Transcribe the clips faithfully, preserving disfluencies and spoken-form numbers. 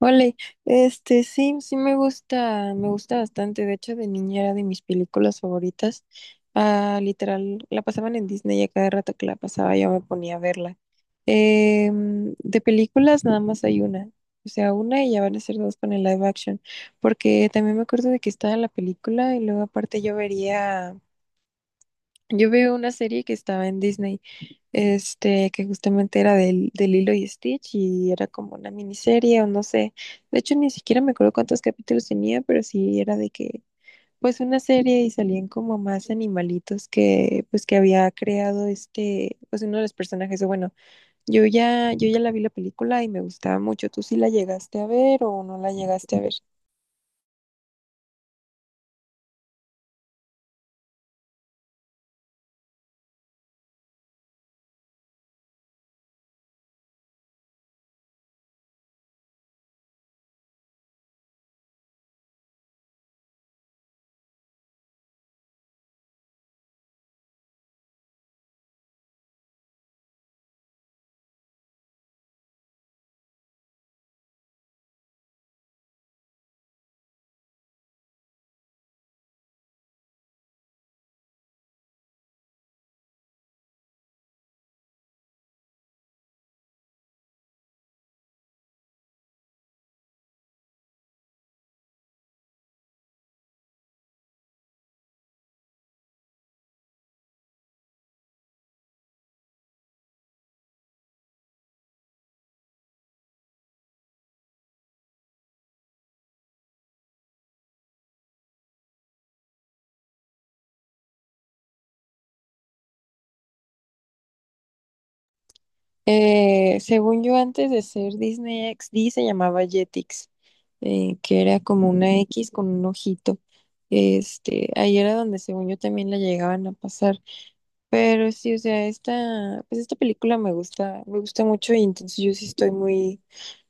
Ole, este sí, sí me gusta, me gusta bastante. De hecho, de niña era de mis películas favoritas. Ah, literal, la pasaban en Disney y a cada rato que la pasaba yo me ponía a verla. Em, de películas nada más hay una. O sea, una y ya van a ser dos con el live action. Porque también me acuerdo de que estaba la película y luego aparte yo vería, yo veo una serie que estaba en Disney este, que justamente era del, de Lilo y Stitch, y era como una miniserie o no sé. De hecho, ni siquiera me acuerdo cuántos capítulos tenía, pero sí era de que, pues, una serie, y salían como más animalitos que, pues, que había creado, este, pues uno de los personajes. O bueno, yo ya, yo ya la vi la película y me gustaba mucho. ¿Tú sí la llegaste a ver o no la llegaste a ver? Eh, según yo, antes de ser Disney X D se llamaba Jetix, eh, que era como una X con un ojito. Este, ahí era donde, según yo, también la llegaban a pasar. Pero sí, o sea, esta, pues esta película me gusta, me gusta mucho, y entonces yo sí estoy muy,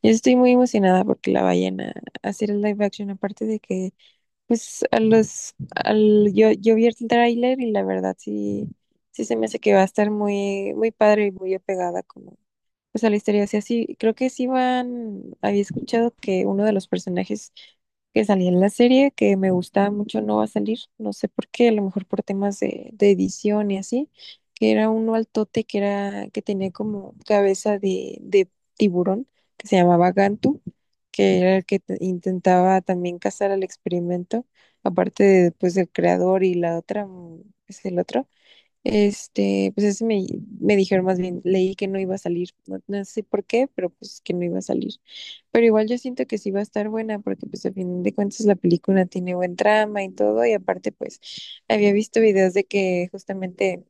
yo sí estoy muy emocionada porque la vayan a, a hacer el live action. Aparte de que, pues, a los, al, yo, yo vi el tráiler y la verdad sí, sí se me hace que va a estar muy, muy padre y muy apegada como, o sea, la historia, o sea, sí, así, creo que sí van, había escuchado que uno de los personajes que salía en la serie, que me gustaba mucho, no va a salir, no sé por qué, a lo mejor por temas de, de edición y así, que era uno altote que era, que tenía como cabeza de, de tiburón, que se llamaba Gantu, que era el que te- intentaba también cazar al experimento, aparte de, pues, del creador y la otra, mm, es el otro. Este, pues ese me, me dijeron, más bien, leí que no iba a salir, no, no sé por qué, pero pues que no iba a salir. Pero igual yo siento que sí va a estar buena, porque pues a fin de cuentas la película tiene buen trama y todo, y aparte pues había visto videos de que justamente,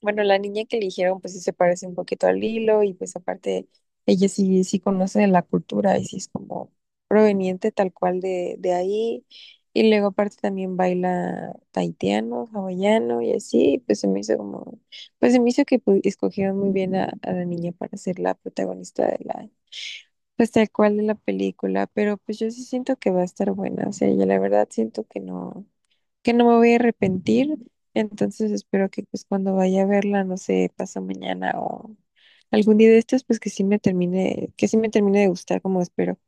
bueno, la niña que eligieron pues sí se parece un poquito al hilo, y pues aparte ella sí, sí conoce la cultura y sí es como proveniente tal cual de, de ahí. Y luego aparte también baila tahitiano, hawaiano y así, pues se me hizo como, pues se me hizo que pues escogieron muy bien a, a la niña para ser la protagonista de la, pues tal cual de la película, pero pues yo sí siento que va a estar buena. O sea, yo la verdad siento que no que no me voy a arrepentir. Entonces espero que pues cuando vaya a verla, no sé, pasa mañana o algún día de estos, pues que sí me termine, que sí me termine de gustar como espero.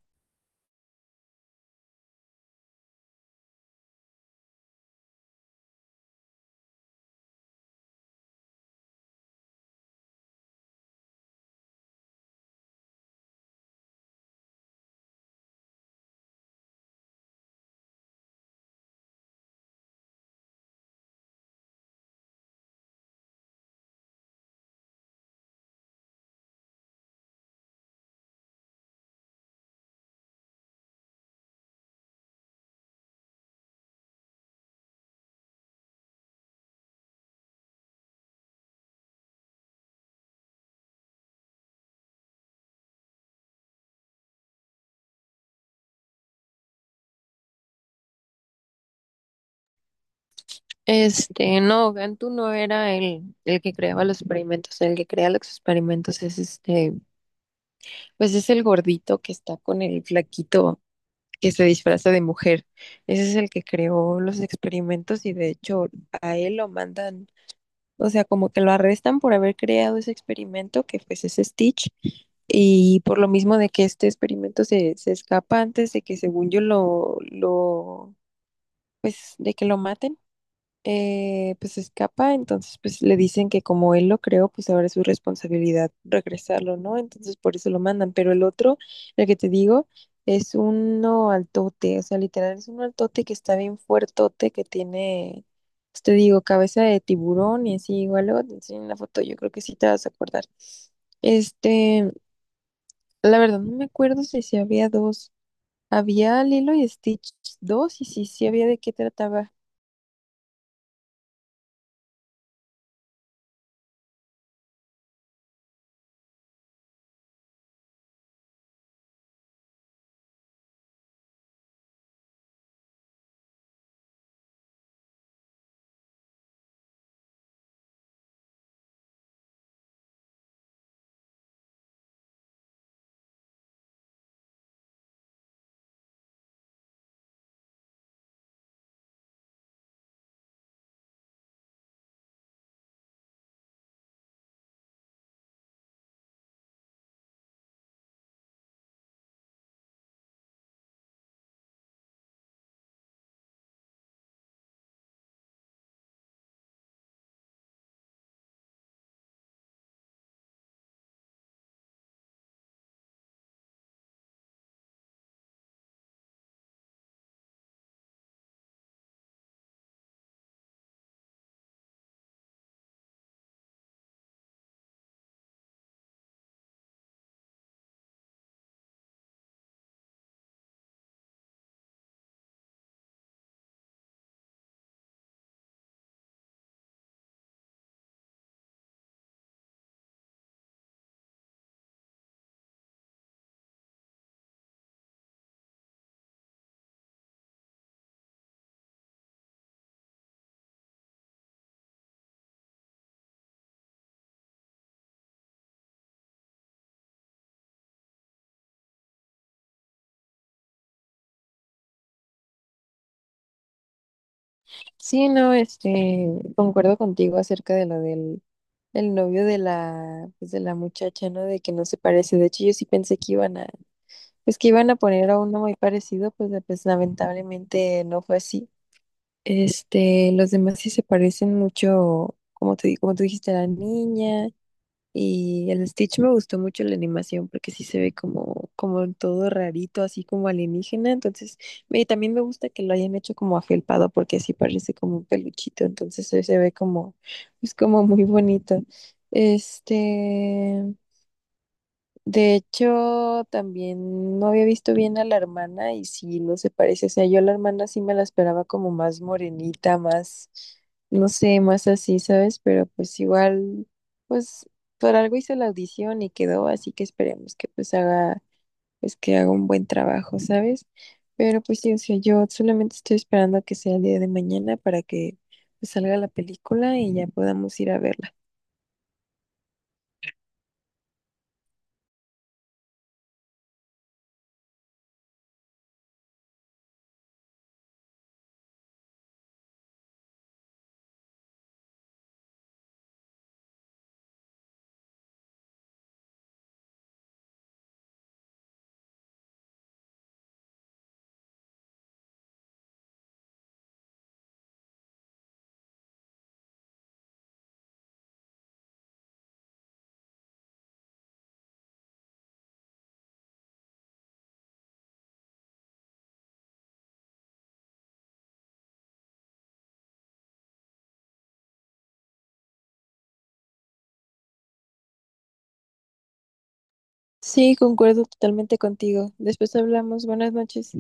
Este, no, Gantu no era el, el que creaba los experimentos. El que crea los experimentos es este, pues es el gordito que está con el flaquito que se disfraza de mujer. Ese es el que creó los experimentos, y de hecho a él lo mandan. O sea, como que lo arrestan por haber creado ese experimento que pues es Stitch. Y por lo mismo de que este experimento se, se escapa antes de que, según yo, lo, lo, pues, de que lo maten, eh, pues escapa. Entonces pues le dicen que como él lo creó, pues ahora es su responsabilidad regresarlo, ¿no? Entonces por eso lo mandan, pero el otro, el que te digo, es uno altote, o sea, literal es un altote que está bien fuertote, que tiene, pues, te digo, cabeza de tiburón y así. Igual luego te enseño una foto, yo creo que sí te vas a acordar. Este, la verdad no me acuerdo si, si había dos, había Lilo y Stitch dos, y si sí, sí había, de qué trataba. Sí, no, este, concuerdo contigo acerca de lo del, del novio de la, pues, de la muchacha, ¿no? De que no se parece. De hecho, yo sí pensé que iban a, pues que iban a poner a uno muy parecido, pues, de- pues lamentablemente no fue así. Este, los demás sí se parecen mucho, como te, como tú dijiste, a la niña. Y el Stitch me gustó mucho la animación porque sí se ve como, como en todo rarito, así como alienígena. Entonces, me- también me gusta que lo hayan hecho como afelpado porque así parece como un peluchito. Entonces, se se ve como, es como muy bonito. Este, de hecho, también no había visto bien a la hermana y sí, no se parece. O sea, yo a la hermana sí me la esperaba como más morenita, más, no sé, más así, ¿sabes? Pero pues igual, pues por algo hizo la audición y quedó, así que esperemos que pues haga, pues que haga un buen trabajo, ¿sabes? Pero pues sí, o sea, yo solamente estoy esperando a que sea el día de mañana para que pues salga la película y ya podamos ir a verla. Sí, concuerdo totalmente contigo. Después hablamos. Buenas noches.